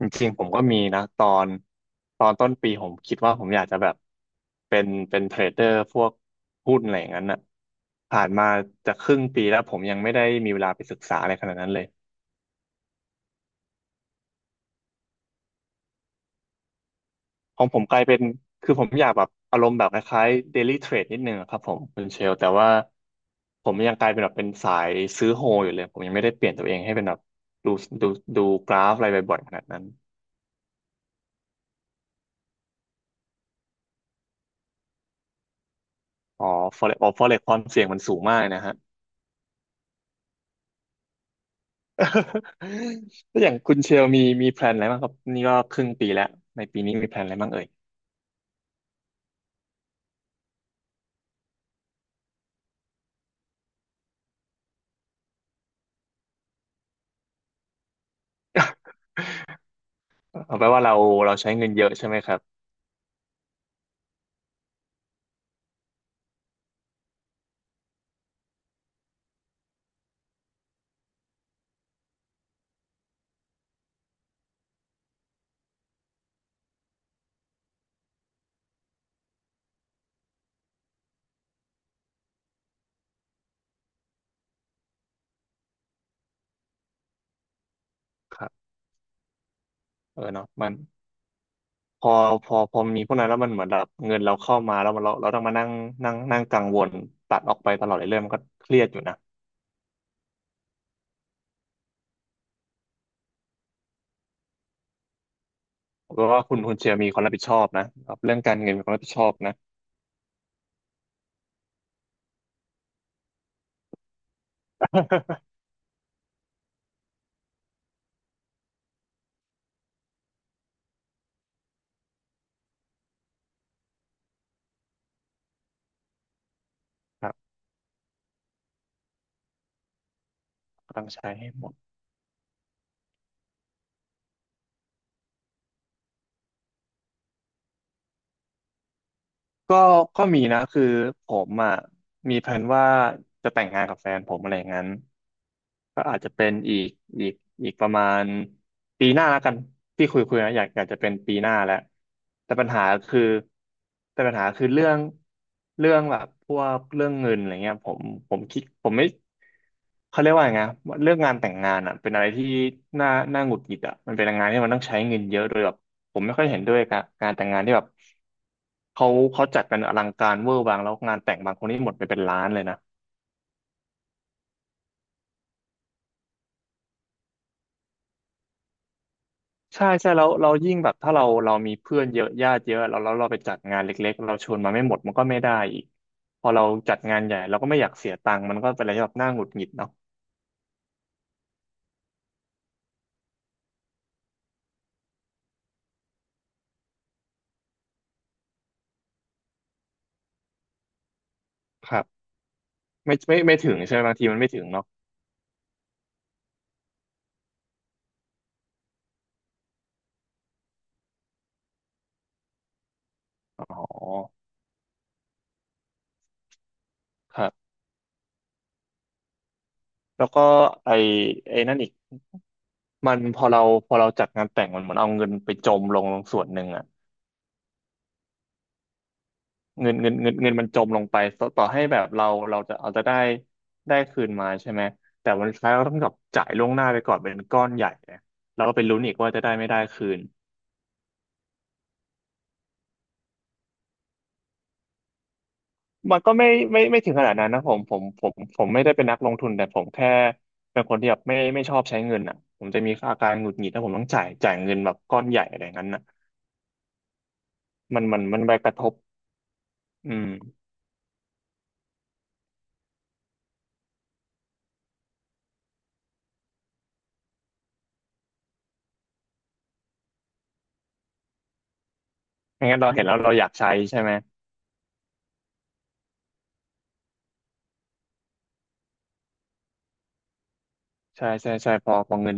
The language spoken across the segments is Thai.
จริงๆผมก็มีนะตอนต้นปีผมคิดว่าผมอยากจะแบบเป็นเทรดเดอร์พวกหุ้นอะไรอย่างนั้นน่ะผ่านมาจะครึ่งปีแล้วผมยังไม่ได้มีเวลาไปศึกษาอะไรขนาดนั้นเลยของผมกลายเป็นคือผมอยากแบบอารมณ์แบบคล้ายๆ daily trade นิดนึงอะครับผมคุณเชลแต่ว่าผมยังกลายเป็นแบบเป็นสายซื้อโฮอยู่เลยผมยังไม่ได้เปลี่ยนตัวเองให้เป็นแบบดูดูดูกราฟอะไรบ่อยๆขนาดนั้นอ๋อ forex อ๋อ forex ความเสี่ยงมันสูงมากนะฮะ แล้วอย่างคุณเชลมีแพลนอะไรบ้างครับนี่ก็ครึ่งปีแล้วในปีนี้มีแพลนอะไรบ้างเอ่ย เอาไปลว่าเราใช้เงินเยอะใช่ไหมครับครับเออเนาะมันพอพอมีพวกนั้นแล้วมันเหมือนแบบเงินเราเข้ามาแล้วมันเราต้องมานั่งนั่งนั่งกังวลตัดออกไปตลอดเลยเรื่องมันก็เครียดอยู่นะเพราะว่าคุณเชลมีความรับผิดชอบนะครับเรื่องการเงินมีความรับผิดชอบนะ ครับต้องใช้ให้หมด ก็ก็มีนะคือผมอ่ะมีแผนว่าจะแต่งงานกับแฟนผมอะไรอย่างนั้นก็อาจจะเป็นอีกอีกอีกประมาณปีหน้าแล้วกันที่คุยนะอยากจะเป็นปีหน้าแล้วแต่ปัญหาคือแต่ปัญหาคือเรื่องแบบพวกเรื่องเงินอะไรเงี้ยผมผมคิดผมไม่เขาเรียกว่าไงนะเรื่องงานแต่งงานอ่ะเป็นอะไรที่น่าหงุดหงิดอ่ะมันเป็นงานที่มันต้องใช้เงินเยอะโดยแบบ ผมไม่ค่อยเห็นด้วยกับการแต่งงานที่แบบเขาเขาจัดกันอลังการเวอร์วังแล้วงานแต่งบางคนนี่หมดไปเป็นล้านเลยนะใช่ใช่แล้วเรายิ่งแบบถ้าเรามีเพื่อนเยอะญาติเยอะแล้วเราไปจัดงานเล็กๆเราชวนมาไม่หมดมันก็ไม่ได้อีกพอเราจัดงานใหญ่เราก็ไม่อยากเสียตังค์มันก็เป็นอะไรที่แบบน่าหงุดหงิดเนาะครับไม่ถึงใช่ไหมบางทีมันไม่ถึงเนาะอ๋อครับแล้วก็ไอนั่นอีกมันพอเราจัดงานแต่งมันเหมือนเอาเงินไปจมลงส่วนหนึ่งอะ เงินมันจมลงไปต่อให้แบบเราจะเอาจะได้คืนมาใช่ไหมแต่วันสุดท้ายเราต้องแบบจ่ายล่วงหน้าไปก่อนเป็นก้อนใหญ่เนี่ยเราก็ไปลุ้นอีกว่าจะได้ไม่ได้คืนมันก็ไม่ไม่ไม่ถึงขนาดนั้นนะผมไม่ได้เป็นนักลงทุนแต่ผมแค่เป็นคนที่แบบไม่ชอบใช้เงินอ่ะผมจะมีอาการหงุดหงิดถ้าผมต้องจ่ายเงินแบบก้อนใหญ่อะไรอย่างนั้นน่ะมันไปกระทบอืมไม่งั้นเราเห็นแล้วเราอยากใช้ใช่ไหมใช่ใช่ใช่พอเงิน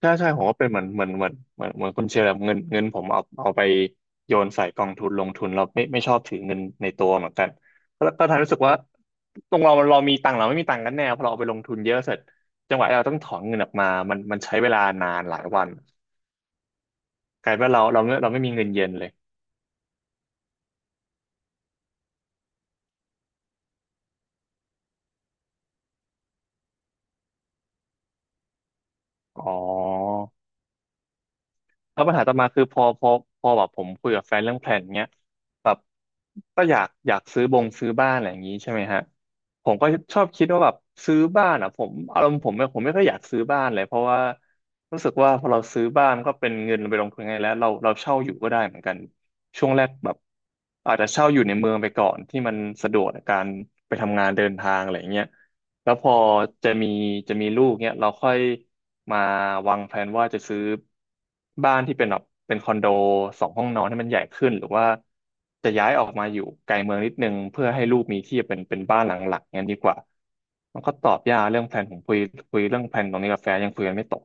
ใช่ใช่ผมก็เป็นเหมือนเหมือนเหมือนเหมือนเหมือนคุณเชลแบบเงินผมเอาไปโยนใส่กองทุนลงทุนเราไม่ชอบถือเงินในตัวเหมือนกันแล้วก็ทำรู้สึกว่าตรงเรามีตังค์เราไม่มีตังค์กันแน่พอเราเอาไปลงทุนเยอะเสร็จจังหวะที่เราต้องถอนเงินออกมามันใช้เวลานานหลายวันกลายเป็นว่าเราไม่มีเงินเย็นเลยอ๋อ แล้วปัญหาต่อมาคือพอแบบผมคุยกับแฟนเรื่องแผนเนี้ยแบบก็อยากซื้อบงบ้านอะไรอย่างนี้ใช่ไหมฮะผมก็ชอบคิดว่าแบบซื้อบ้านอ่ะผมอารมณ์ผมไม่ค่อยอยากซื้อบ้านเลยเพราะว่ารู้สึกว่าพอเราซื้อบ้านมก็เป็นเงินไปลงทุนไงแล้วเราเช่าอยู่ก็ได้เหมือนกันช่วงแรกแบบอาจจะเช่าอยู่ในเมืองไปก่อนที่มันสะดวกในการไปทำงานเดินทางอะไรอย่างเงี้ย แล้วพอจะมีจะมีลูกเนี่ยเราค่อยมาวางแผนว่าจะซื้อบ้านที่เป็นแบบเป็นคอนโดสองห้องนอนให้มันใหญ่ขึ้นหรือว่าจะย้ายออกมาอยู่ไกลเมืองนิดนึงเพื่อให้ลูกมีที่เป็นบ้านหลังหลักงั้นดีกว่ามันก็ตอบยากเรื่องแผนผมคุยเรื่องแผนตรงนี้กับแฟนยังคุยกันไม่ตก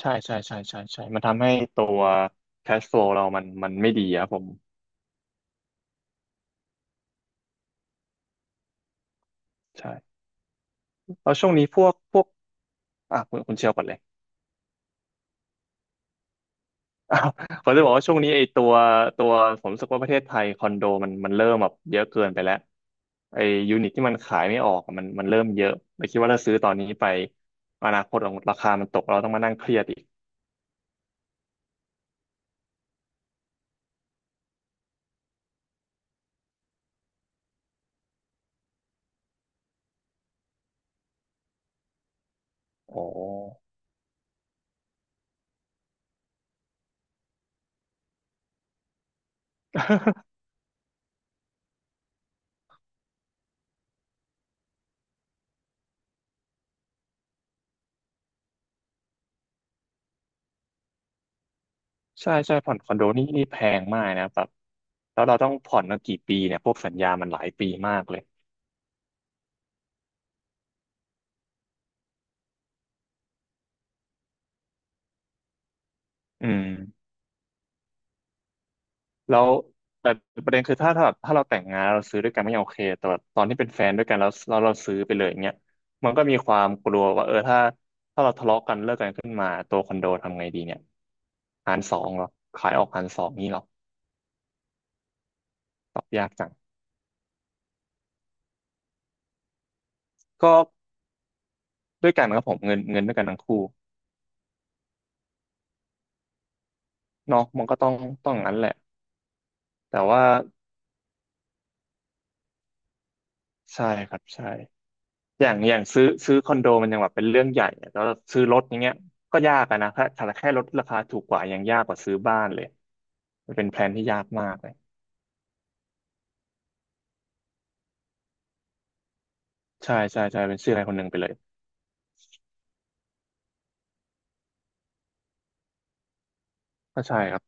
ใช่มันทำให้ตัว cash flow เรามันไม่ดีครับผมใช่แล้วช่วงนี้พวกอ่ะคุณเชียวก่อนเลย อ้าวผมจะบอกว่าช่วงนี้ไอ้ตัวตัวผมรู้สึกว่าประเทศไทยคอนโดมันเริ่มแบบเยอะเกินไปแล้วไอ้ยูนิตที่มันขายไม่ออกอะมันเริ่มเยอะเลยคิดว่าถ้าซื้อตอนนี้ไปอนาคตของราคามันตกเราต้องมานั่งเครียดอีกโอ้ ใช่ใช่ผ่อนคอนโดนี่แพงมากนะแบบแล้วเราต้องผ่อนกันกี่ปีเนี่ยพวกสัญญามันหลายปีมากเลยอืม แล้วแต่ประเด็นคือถ้าเราแต่งงานเราซื้อด้วยกันไม่ยังโอเคแต่ว่าตอนที่เป็นแฟนด้วยกันแล้วเราซื้อไปเลยอย่างเงี้ยมันก็มีความกลัวว่าเออถ้าเราทะเลาะกันเลิกกันขึ้นมาตัวคอนโดทำไงดีเนี่ยหารสองเหรอขายออกหารสองนี่เหรอตอบยากจังก็ด้วยกันครับผมเงินด้วยกันทั้งคู่เนาะมันก็ต้องอย่างนั้นแหละแต่ว่าใช่ครับใช่ อย่างซื้อคอนโดมันยังแบบเป็นเรื่องใหญ่อะแล้วซื้อรถอย่างเงี้ยก็ยากอะนะถ้าแค่รถราคาถูกกว่ายังยากกว่าซื้อบ้านเลยมันเป็นแพลนที่ยากมากเลยใช่ใช่ใช่เป็นชื่อใครคนหนึ่งไปเลยก็ใช่ครับ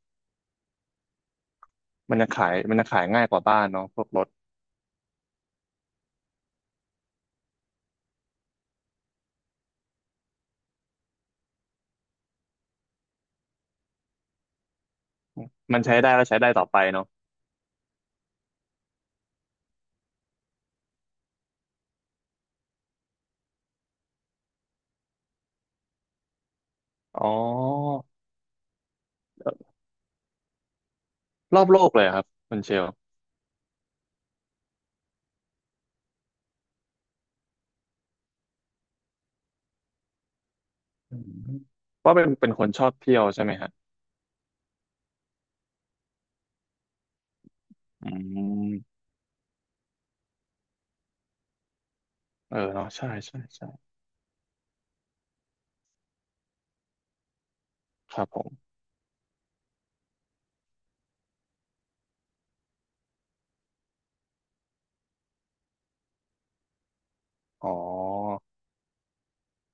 มันจะขายง่ายกว่าบ้านเนาะพวกรถมันใช้ได้ก็ใช้ได้ต่อไปเนาะอ๋อเอ่อรอบโลกเลยเหรอครับคุณเชลอืมเพราะเป็นคนชอบเที่ยวใช่ไหมฮะอืมเออเนาะใช่ใช่ใช่ครับผมอ๋อ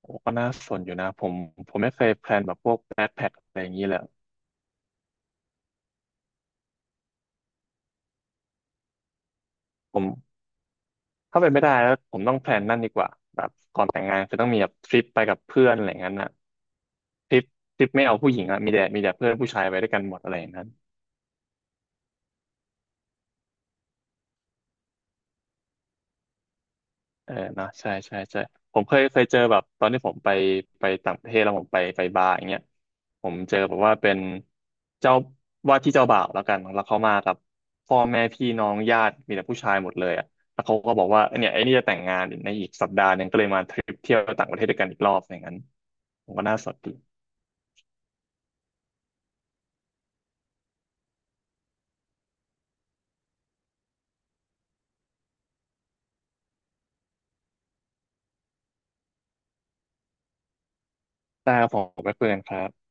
โอ้ก็น่าสนอยู่นะผมผมไม่เคยแพลนแบบพวก อะไรอย่างนี้แหละผมถ้าเป็นไม่ได้แล้วผมต้องแพลนนั่นดีกว่าแบบก่อนแต่งงานคือต้องมีแบบทริปไปกับเพื่อนอะไรอย่างนั้นน่ะทริปไม่เอาผู้หญิงอะมีแต่เพื่อนผู้ชายไปด้วยกันหมดอะไรอย่างนั้น เออเนอะใช่ใช่ใช่ผมเคยเจอแบบตอนที่ผมไปต่างประเทศแล้วผมไปบาร์อย่างเงี้ยผมเจอแบบว่าเป็นเจ้าว่าที่เจ้าบ่าวแล้วกันแล้วเขามากับพ่อแม่พี่น้องญาติมีแต่ผู้ชายหมดเลยอ่ะแล้วเขาก็บอกว่าเนี่ยไอ้นี่จะแต่งงานในอีกสัปดาห์หนึงก็เลยมาทริปเที่ยวต่างประเทศด้วยกันอีกรอบอย่างนั้นผมก็น่าสนดีแต่ผมไปคุยกันครับ